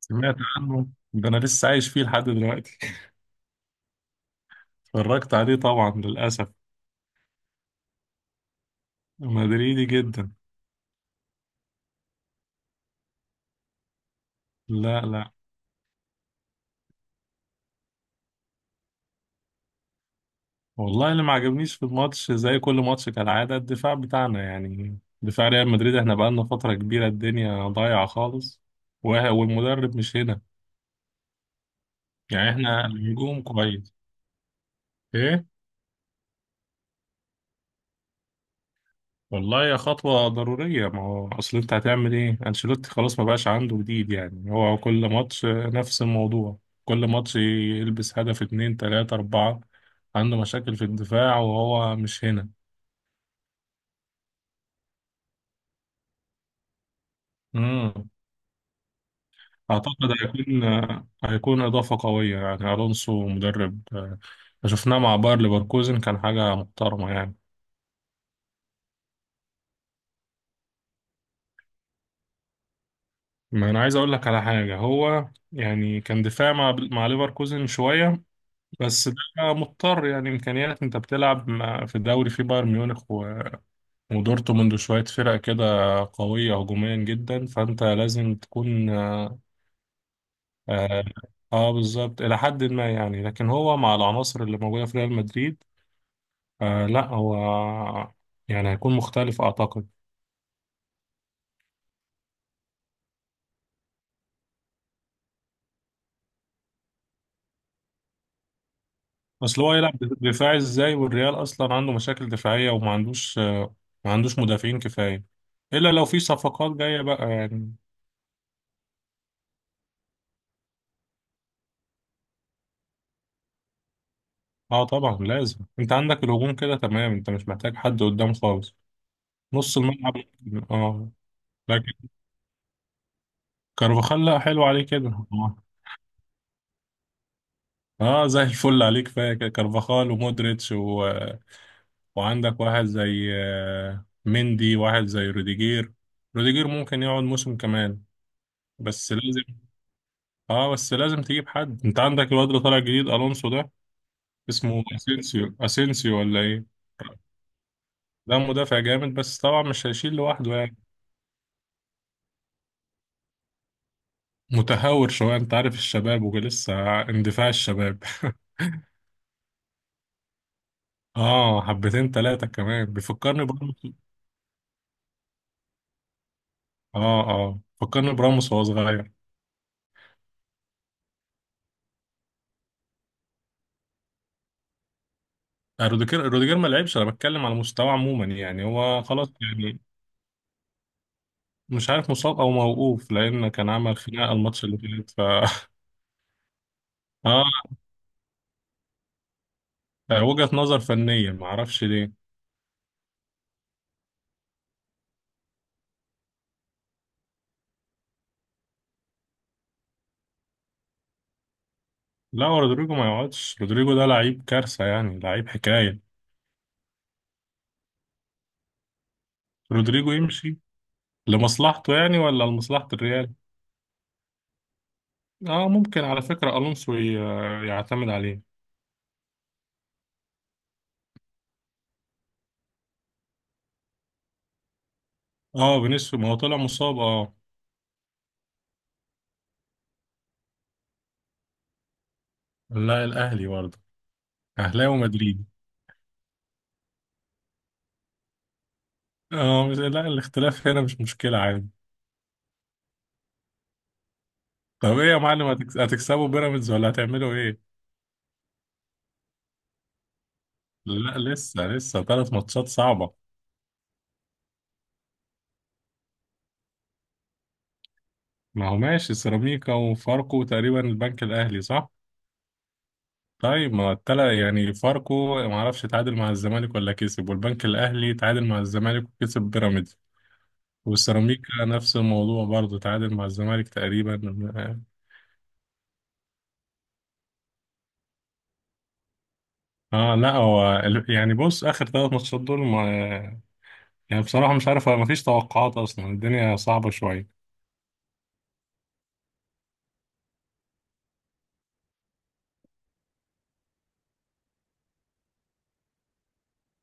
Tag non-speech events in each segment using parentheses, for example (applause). سمعت عنه. ده انا لسه عايش فيه لحد دلوقتي. (laughs) اتفرجت عليه طبعا للاسف. مدريدي جدا. لا، لا. والله، اللي ما عجبنيش في الماتش زي كل ماتش كالعاده، الدفاع بتاعنا يعني دفاع ريال مدريد، احنا بقالنا فتره كبيره الدنيا ضايعه خالص. والمدرب مش هنا. يعني احنا الهجوم كويس. ايه. والله يا خطوة ضرورية، ما هو أصل أنت هتعمل إيه؟ أنشيلوتي خلاص ما بقاش عنده جديد، يعني هو كل ماتش نفس الموضوع. كل ماتش يلبس هدف اتنين تلاتة أربعة. عنده مشاكل في الدفاع وهو مش هنا. مم. أعتقد هيكون إضافة قوية. يعني ألونسو مدرب، شفناه مع باير ليفركوزن، كان حاجة محترمة يعني. ما أنا عايز أقول لك على حاجة، هو يعني كان دفاع مع ليفركوزن شوية. بس ده مضطر يعني، امكانيات، انت بتلعب في دوري فيه بايرن ميونخ ودورتموند وشويه فرق كده قويه هجوميا جدا، فانت لازم تكون آه. بالظبط الى حد ما يعني، لكن هو مع العناصر اللي موجوده في ريال مدريد، آه لا هو يعني هيكون مختلف اعتقد. اصل هو يلعب دفاعي ازاي والريال اصلا عنده مشاكل دفاعيه وما عندوش، ما عندوش مدافعين كفايه، الا لو في صفقات جايه بقى يعني. اه طبعا لازم، انت عندك الهجوم كده تمام، انت مش محتاج حد قدام خالص. نص الملعب. اه. لكن كارفاخال، لا حلو عليه كده. اه. زي الفل عليك كفايه كده. كارفاخال ومودريتش و... وعندك واحد زي مندي، واحد زي روديجير. روديجير ممكن يقعد موسم كمان. بس لازم. اه بس لازم تجيب حد، انت عندك الواد اللي طالع جديد الونسو ده. اسمه اسينسيو، اسينسيو ولا ايه؟ ده مدافع جامد، بس طبعا مش هيشيل لوحده يعني. متهور شوية، انت عارف الشباب ولسه اندفاع الشباب. (laughs) اه حبتين تلاتة كمان، بيفكرني براموس. اه. اه، فكرني براموس وهو صغير. روديجير ما لعبش، انا بتكلم على مستوى عموما، يعني هو خلاص يعني. مش عارف مصاب او موقوف، لان كان عمل خناقة الماتش اللي فات (laughs) اه، وجهة نظر فنية ما اعرفش ليه. لا هو رودريجو ما يقعدش، رودريجو ده لعيب كارثة، يعني لعيب حكاية. رودريجو يمشي لمصلحته يعني ولا لمصلحة الريال؟ اه ممكن، على فكرة الونسو يعتمد عليه. اه فينيسيوس، ما هو طلع مصاب اه. لا الاهلي برضه. اهلاوي ومدريد. اه لا، الاختلاف هنا مش مشكلة عادي. طب ايه يا معلم، هتكسبوا بيراميدز ولا هتعملوا ايه؟ لا لسه ثلاث ماتشات صعبة. ما هو ماشي سيراميكا وفاركو تقريبا، البنك الاهلي صح. طيب ما يعني فاركو ما اعرفش تعادل مع الزمالك ولا كسب، والبنك الاهلي تعادل مع الزمالك وكسب بيراميدز، والسيراميكا نفس الموضوع برضه تعادل مع الزمالك تقريبا. اه لا هو يعني بص اخر ثلاث ماتشات دول ما، يعني بصراحه مش عارف، ما فيش توقعات اصلا، الدنيا صعبه شويه.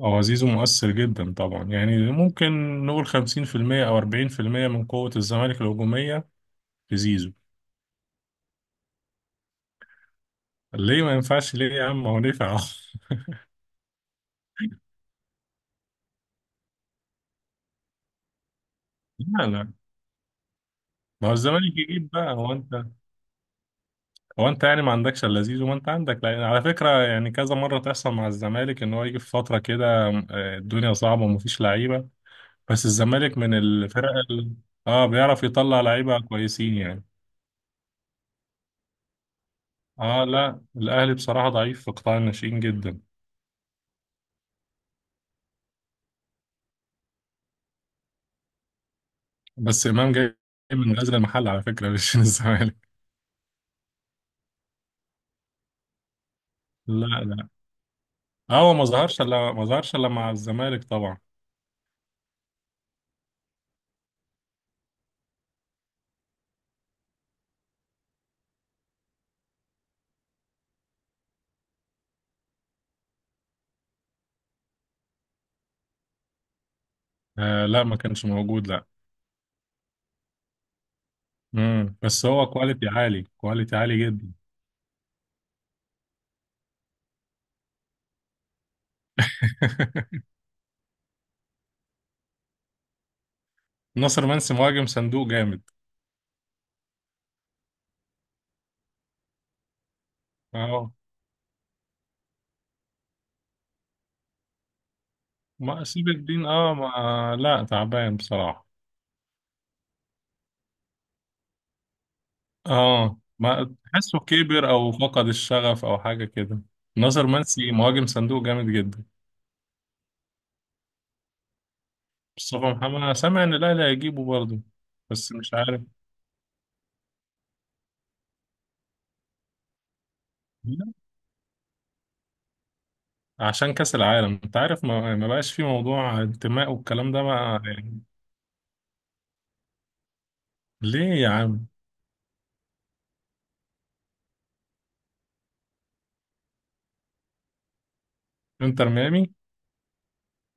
هو زيزو مؤثر جدا طبعا، يعني ممكن نقول 50% او 40% من قوه الزمالك الهجوميه في زيزو. ليه ما ينفعش، ليه يا عم هو دفع. (laughs) لا، لا. ما هو الزمالك يجيب بقى، هو انت، هو انت يعني ما عندكش الا زيزو، ما انت عندك، لان على فكره يعني كذا مره تحصل مع الزمالك ان هو يجي في فتره كده، الدنيا صعبه ومفيش لعيبه، بس الزمالك من الفرق ال... اه بيعرف يطلع لعيبه كويسين يعني. اه لا الاهلي بصراحه ضعيف في قطاع الناشئين جدا. بس امام جاي من غزل المحل على فكره، (laughs) مش من الزمالك. لا، لا. اه هو ما ظهرش الا مع الزمالك طبعا. آه لا، ما كانش موجود، لا. بس هو كواليتي عالي، كواليتي عالي جدا. (laughs) ناصر منسي مهاجم صندوق جامد. اه، ما سيب الدين اه، ما لا، تعبان بصراحة. اه، ما تحسه كبر او فقد الشغف او حاجة كده. ناصر منسي مهاجم صندوق جامد جدا. مصطفى محمد، انا سامع ان الاهلي هيجيبه برضه. بس مش عارف. لا، عشان كأس العالم انت عارف، ما, بقاش في موضوع انتماء والكلام ده ما يعني. ليه يا عم. انتر ميامي.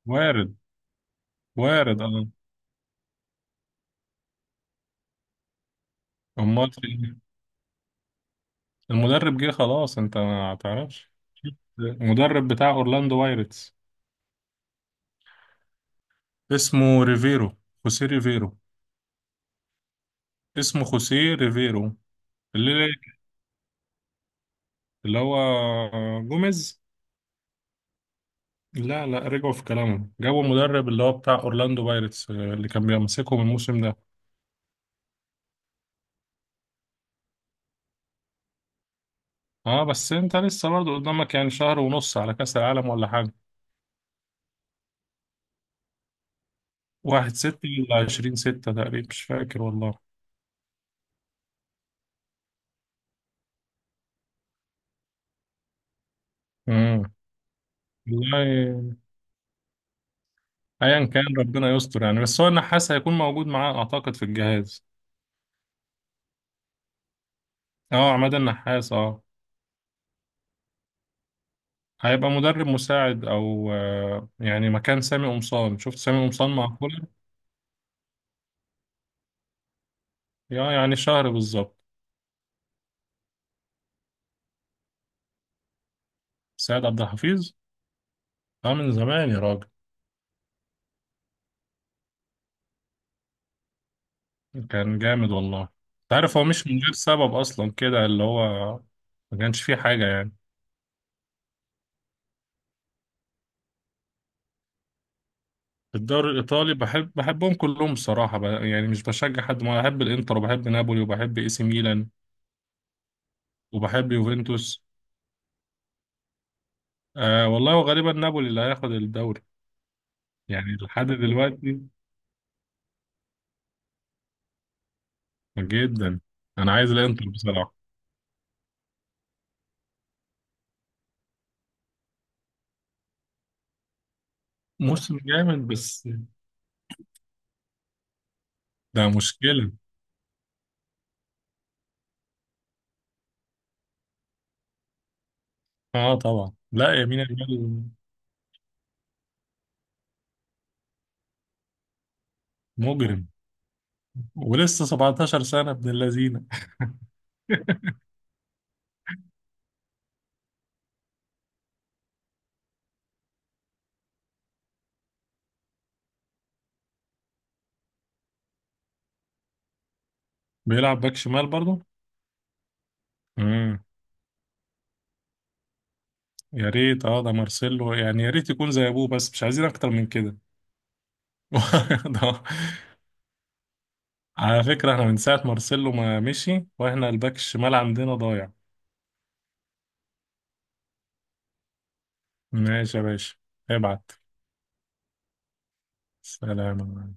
وارد. وارد اه. امال في إيه؟ المدرب جه خلاص، انت ما تعرفش. المدرب بتاع اورلاندو بايرتس. اسمه ريفيرو. خوسيه ريفيرو. اسمه خوسيه ريفيرو. اللي اللي هو جوميز. لا، لا. رجعوا في كلامهم، جابوا مدرب اللي هو بتاع اورلاندو بايرتس اللي كان بيمسكهم الموسم ده. اه بس انت لسه برضه قدامك يعني شهر ونص على كأس العالم ولا حاجة. واحد ستة ولا عشرين ستة تقريبا، مش فاكر والله. امم والله ايا كان ربنا يستر يعني، بس هو النحاس هيكون موجود معاه اعتقد في الجهاز. اه عماد النحاس اه. هيبقى مدرب مساعد او يعني مكان سامي قمصان، شفت سامي قمصان مع كولر. يا يعني شهر بالظبط. سيد عبد الحفيظ. اه من زمان يا راجل. كان جامد والله. انت عارف هو مش من غير سبب اصلا كده، اللي هو ما كانش فيه حاجه يعني. في الدوري الايطالي بحبهم كلهم بصراحه، يعني مش بشجع حد، ما بحب الانتر وبحب نابولي وبحب اي سي ميلان وبحب يوفنتوس. والله وغالبا نابولي اللي هياخد الدوري يعني لحد دلوقتي. جدا. انا عايز الانتر بصراحه. موسم جامد بس. ده مشكله. اه طبعا، لا يمين يامال مجرم، ولسه 17 سنه، ابن اللذينه. (laughs) بيلعب باك شمال برضه. امم يا ريت، ده مارسيلو يعني، يا ريت يكون زي ابوه بس مش عايزين اكتر من كده. (laughs) ده- على فكره احنا من ساعه مارسيلو ما مشي واحنا الباك الشمال عندنا ضايع. ماشي يا باشا. ابعت. سلام.